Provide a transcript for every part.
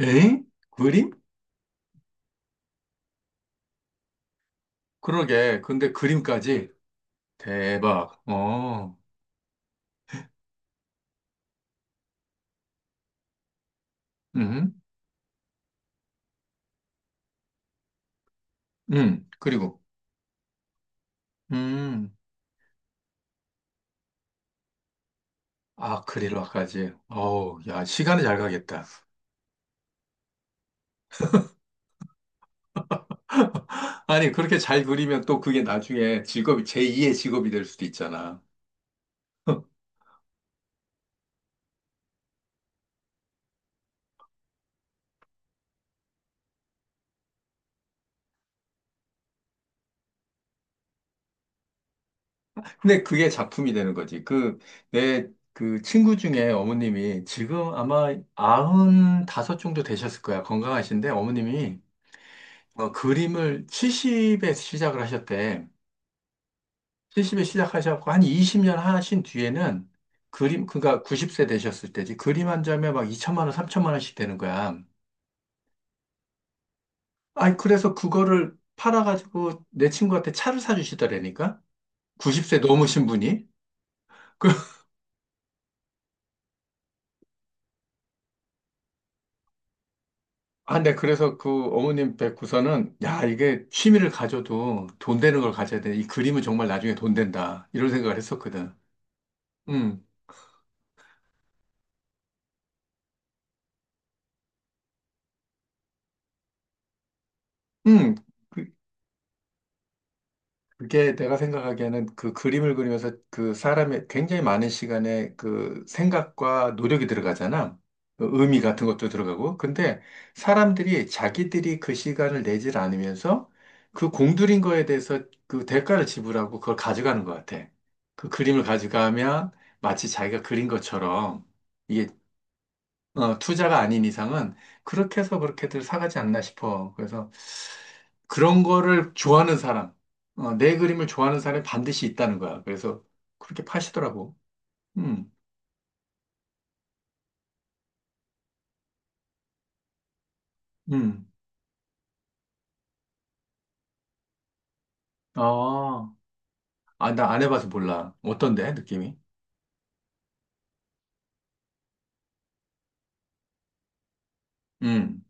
에잉? 그림? 그러게. 근데 그림까지. 대박. 어. 음. 음. 그리고. 음. 아크릴화까지. 어우, 야, 시간이 잘 가겠다. 아니, 그렇게 잘 그리면 또 그게 나중에 직업이, 제2의 직업이 될 수도 있잖아. 근데 그게 작품이 되는 거지. 내, 그 친구 중에 어머님이 지금 아마 95 정도 되셨을 거야. 건강하신데 어머님이 그림을 70에 시작을 하셨대. 70에 시작하셨고, 한 20년 하신 뒤에는 그러니까 90세 되셨을 때지. 그림 한 점에 막 2천만 원, 3천만 원씩 되는 거야. 아니, 그래서 그거를 팔아가지고 내 친구한테 차를 사주시더라니까? 90세 넘으신 분이? 그, 네, 그래서 그 어머님 뵙고서는, 야, 이게 취미를 가져도 돈 되는 걸 가져야 돼. 이 그림은 정말 나중에 돈 된다. 이런 생각을 했었거든. 음, 음. 그 그게 내가 생각하기에는 그 그림을 그리면서 그 사람의 굉장히 많은 시간에 그 생각과 노력이 들어가잖아. 그 의미 같은 것도 들어가고. 근데 사람들이 자기들이 그 시간을 내질 않으면서 그 공들인 거에 대해서 그 대가를 지불하고 그걸 가져가는 것 같아. 그 그림을 가져가면 마치 자기가 그린 것처럼 이게 투자가 아닌 이상은 그렇게 해서 그렇게들 사가지 않나 싶어. 그래서 그런 거를 좋아하는 사람, 내 그림을 좋아하는 사람이 반드시 있다는 거야. 그래서 그렇게 파시더라고. 음, 음. 아, 아, 나 안 해봐서 몰라. 어떤데, 느낌이? 음,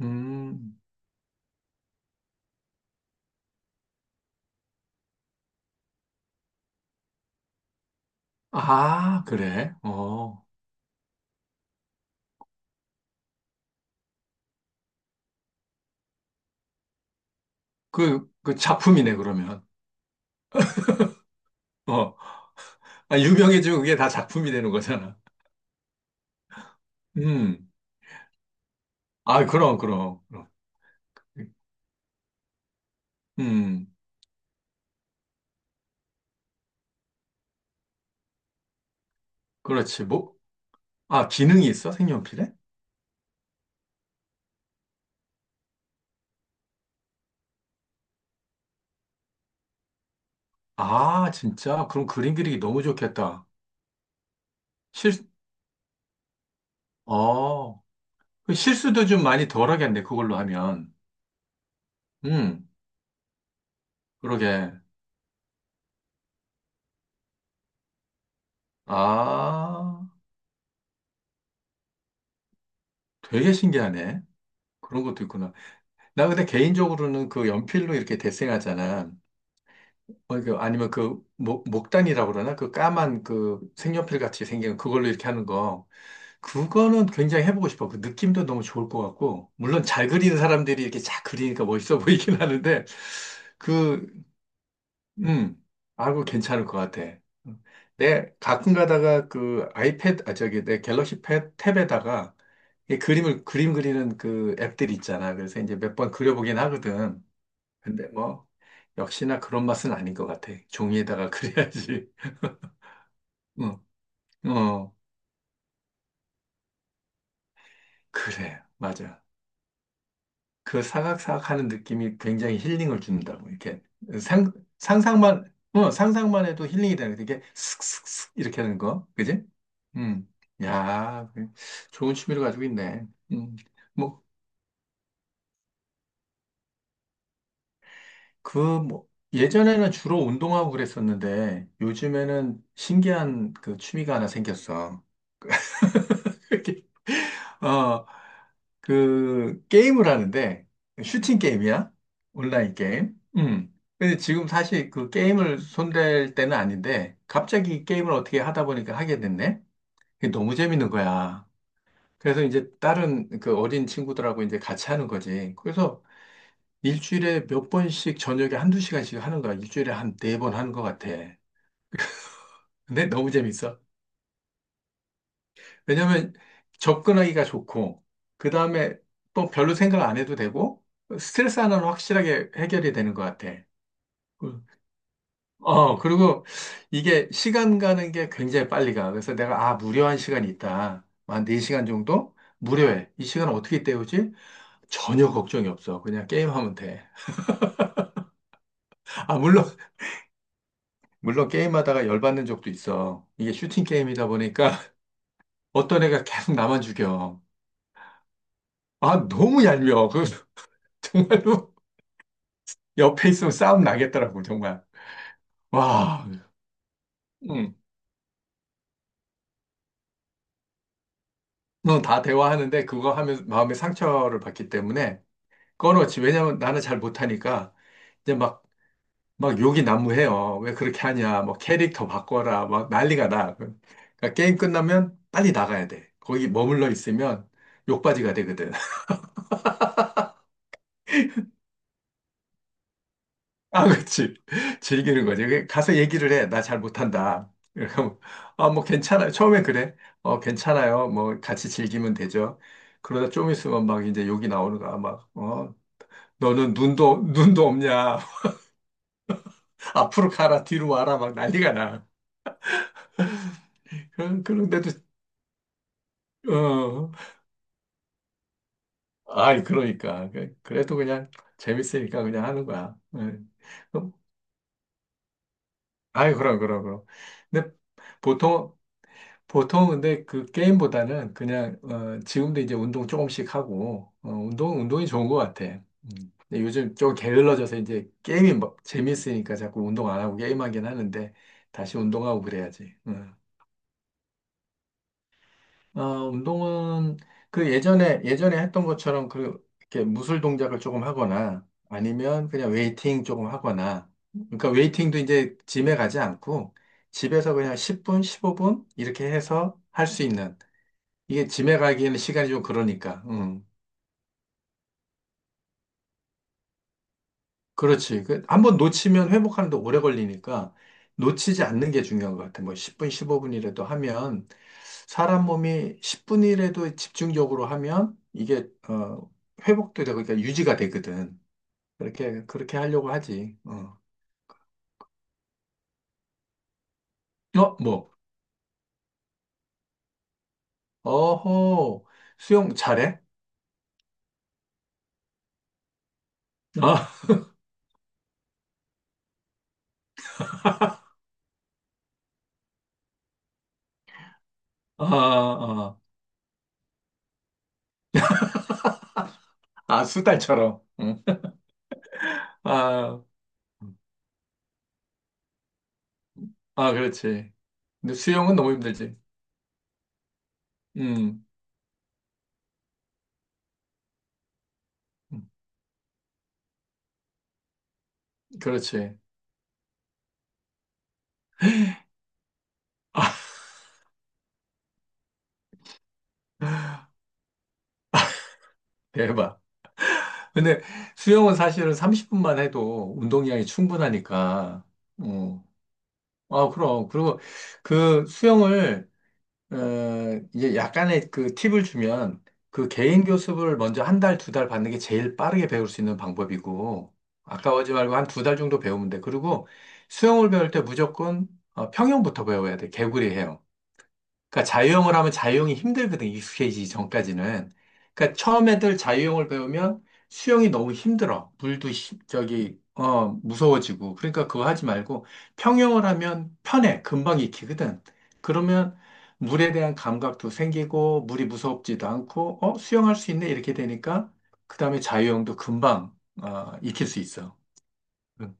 음. 아, 그래? 어. 그 작품이네, 그러면. 어. 아, 유명해지면 그게 다 작품이 되는 거잖아. 음. 아, 그럼, 그럼, 그럼. 음. 그렇지. 뭐, 아, 기능이 있어? 색연필에? 아, 진짜? 그럼 그림 그리기 너무 좋겠다. 실, 어, 그 실수도 좀 많이 덜 하겠네, 그걸로 하면. 음, 그러게. 아, 되게 신기하네. 그런 것도 있구나. 나 근데 개인적으로는 그 연필로 이렇게 데생하잖아. 이거 아니면 목단이라고 그러나? 그 까만 그 색연필 같이 생긴 그걸로 이렇게 하는 거. 그거는 굉장히 해보고 싶어. 그 느낌도 너무 좋을 것 같고. 물론 잘 그리는 사람들이 이렇게 잘 그리니까 멋있어 보이긴 하는데, 그, 음, 아, 그 괜찮을 것 같아. 내 가끔 가다가 그 아이패드, 아, 저기 내 갤럭시 탭에다가 그림 그리는 그 앱들이 있잖아. 그래서 이제 몇 번 그려보긴 하거든. 근데 뭐 역시나 그런 맛은 아닌 것 같아. 종이에다가 그려야지. 어, 어, 그래, 맞아. 그 사각사각하는 느낌이 굉장히 힐링을 준다고. 이렇게 상 상상만 어 상상만 해도 힐링이 되는 거. 이게 슥슥슥 이렇게 하는 거, 그지? 음, 야, 그 좋은 취미를 가지고 있네. 뭐 그 뭐 예전에는 주로 운동하고 그랬었는데 요즘에는 신기한 그 취미가 하나 생겼어. 이렇게 어. 그 게임을 하는데 슈팅 게임이야. 온라인 게임. 음. 근데 지금 사실 그 게임을 손댈 때는 아닌데 갑자기 게임을 어떻게 하다 보니까 하게 됐네. 그게 너무 재밌는 거야. 그래서 이제 다른 그 어린 친구들하고 이제 같이 하는 거지. 그래서 일주일에 몇 번씩 저녁에 한 두 시간씩 하는 거야. 일주일에 한 네 번 하는 것 같아. 근데 너무 재밌어. 왜냐면 접근하기가 좋고, 그 다음에 또 별로 생각 안 해도 되고, 스트레스 하나는 확실하게 해결이 되는 것 같아. 그- 그리고 이게 시간 가는 게 굉장히 빨리 가. 그래서 내가, 아, 무료한 시간이 있다. 한 4시간 정도? 무료해. 이 시간 어떻게 때우지? 전혀 걱정이 없어. 그냥 게임하면 돼. 아, 물론 게임하다가 열받는 적도 있어. 이게 슈팅 게임이다 보니까 어떤 애가 계속 나만 죽여. 아, 너무 얄미워. 정말로. 옆에 있으면 싸움 나겠더라고, 정말. 와, 응. 응, 다 대화하는데 그거 하면 마음의 상처를 받기 때문에 꺼놓지. 왜냐면 나는 잘 못하니까 이제 막, 욕이 난무해요. 왜 그렇게 하냐. 뭐 캐릭터 바꿔라. 막 난리가 나. 그러니까 게임 끝나면 빨리 나가야 돼. 거기 머물러 있으면 욕받이가 되거든. 아, 그치. 즐기는 거지. 그 가서 얘기를 해. 나 잘 못한다. 그럼, 아, 뭐 괜찮아요. 처음엔 그래. 어, 괜찮아요. 뭐 같이 즐기면 되죠. 그러다 좀 있으면 막 이제 욕이 나오는 거야. 너는 눈도 없냐. 앞으로 가라, 뒤로 와라. 막 난리가 나. 그런데도, 어, 아이, 그러니까. 그래도 그냥 재밌으니까 그냥 하는 거야. 예. 그럼, 아이, 그럼, 그럼, 그럼. 근데 보통, 근데 그 게임보다는 그냥 지금도 이제 운동 조금씩 하고 운동이 좋은 것 같아. 음. 근데 요즘 좀 게을러져서 이제 게임이 뭐 재밌으니까 자꾸 운동 안 하고 게임하긴 하는데 다시 운동하고 그래야지. 음. 어, 운동은 그 예전에 했던 것처럼 그 이렇게 무술 동작을 조금 하거나 아니면 그냥 웨이팅 조금 하거나 그러니까 웨이팅도 이제 짐에 가지 않고 집에서 그냥 10분, 15분 이렇게 해서 할 수 있는. 이게 짐에 가기에는 시간이 좀 그러니까. 음. 그렇지. 그 한번 놓치면 회복하는데 오래 걸리니까 놓치지 않는 게 중요한 것 같아. 뭐 10분, 15분이라도 하면 사람 몸이 10분이라도 집중적으로 하면 이게 회복도 되고 그러니까 유지가 되거든. 그렇게 그렇게 하려고 하지. 어. 어, 뭐. 어허. 수영 잘해? 아, 아, 아. 아, 수달처럼. 응. 아, 아, 그렇지. 근데 수영은 너무 힘들지. 음. 그렇지. 아, 대박. 근데 수영은 사실은 30분만 해도 운동량이 충분하니까. 어. 아, 그럼. 그리고 그 수영을, 어, 이제 약간의 그 팁을 주면 그 개인 교습을 먼저 한 달, 두 달 받는 게 제일 빠르게 배울 수 있는 방법이고, 아까워하지 말고 한 두 달 정도 배우면 돼. 그리고 수영을 배울 때 무조건 평영부터 배워야 돼. 개구리 헤엄. 그러니까 자유형을 하면 자유형이 힘들거든, 익숙해지기 전까지는. 그러니까 처음 애들 자유형을 배우면 수영이 너무 힘들어. 물도 시- 저기 어 무서워지고. 그러니까 그거 하지 말고 평형을 하면 편해. 금방 익히거든. 그러면 물에 대한 감각도 생기고 물이 무섭지도 않고 수영할 수 있네 이렇게 되니까 그다음에 자유형도 금방 익힐 수 있어. 응.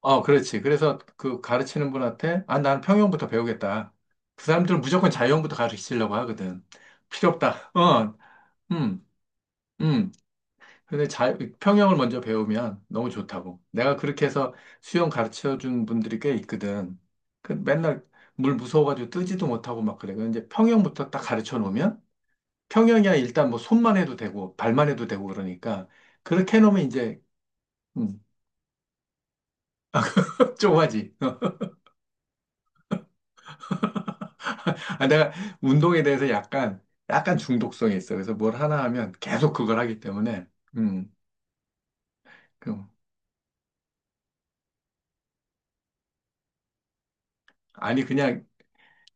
어, 그렇지. 그래서 그 가르치는 분한테, 아, 나는 평형부터 배우겠다. 그 사람들은 무조건 자형부터 가르치려고 하거든. 필요 없다. 음, 음. 근데 평형을 먼저 배우면 너무 좋다고. 내가 그렇게 해서 수영 가르쳐 준 분들이 꽤 있거든. 그 맨날 물 무서워가지고 뜨지도 못하고 막 그래. 근데 이제 평형부터 딱 가르쳐 놓으면 평형이야 일단 뭐 손만 해도 되고 발만 해도 되고 그러니까 그렇게 해놓으면 이제 음, 좁아지. 아, 내가 운동에 대해서 약간, 중독성이 있어. 그래서 뭘 하나 하면 계속 그걸 하기 때문에, 음, 그, 아니, 그냥,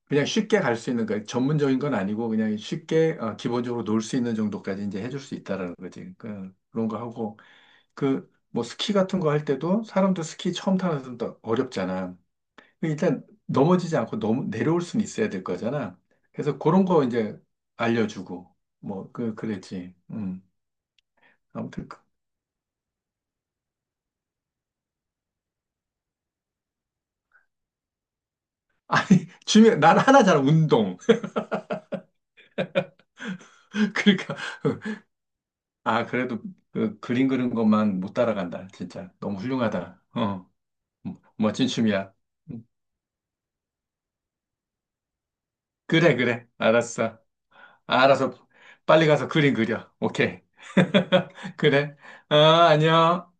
쉽게 갈 수 있는 거, 전문적인 건 아니고, 그냥 쉽게, 기본적으로 놀 수 있는 정도까지 이제 해줄 수 있다라는 거지. 그런 거 하고, 뭐, 스키 같은 거 할 때도, 사람도 스키 처음 타는 사람도 어렵잖아. 그 일단, 넘어지지 않고 너무 내려올 수는 있어야 될 거잖아. 그래서 그런 거 이제 알려주고, 그랬지. 아무튼. 아니, 난 하나잖아, 운동. 그러니까, 아, 그래도 그 그림 그리는 것만 못 따라간다. 진짜. 너무 훌륭하다. 어, 뭐, 멋진 춤이야. 그래, 그래. 알았어. 아, 알아서 빨리 가서 그림 그려. 오케이. 그래. 어, 안녕.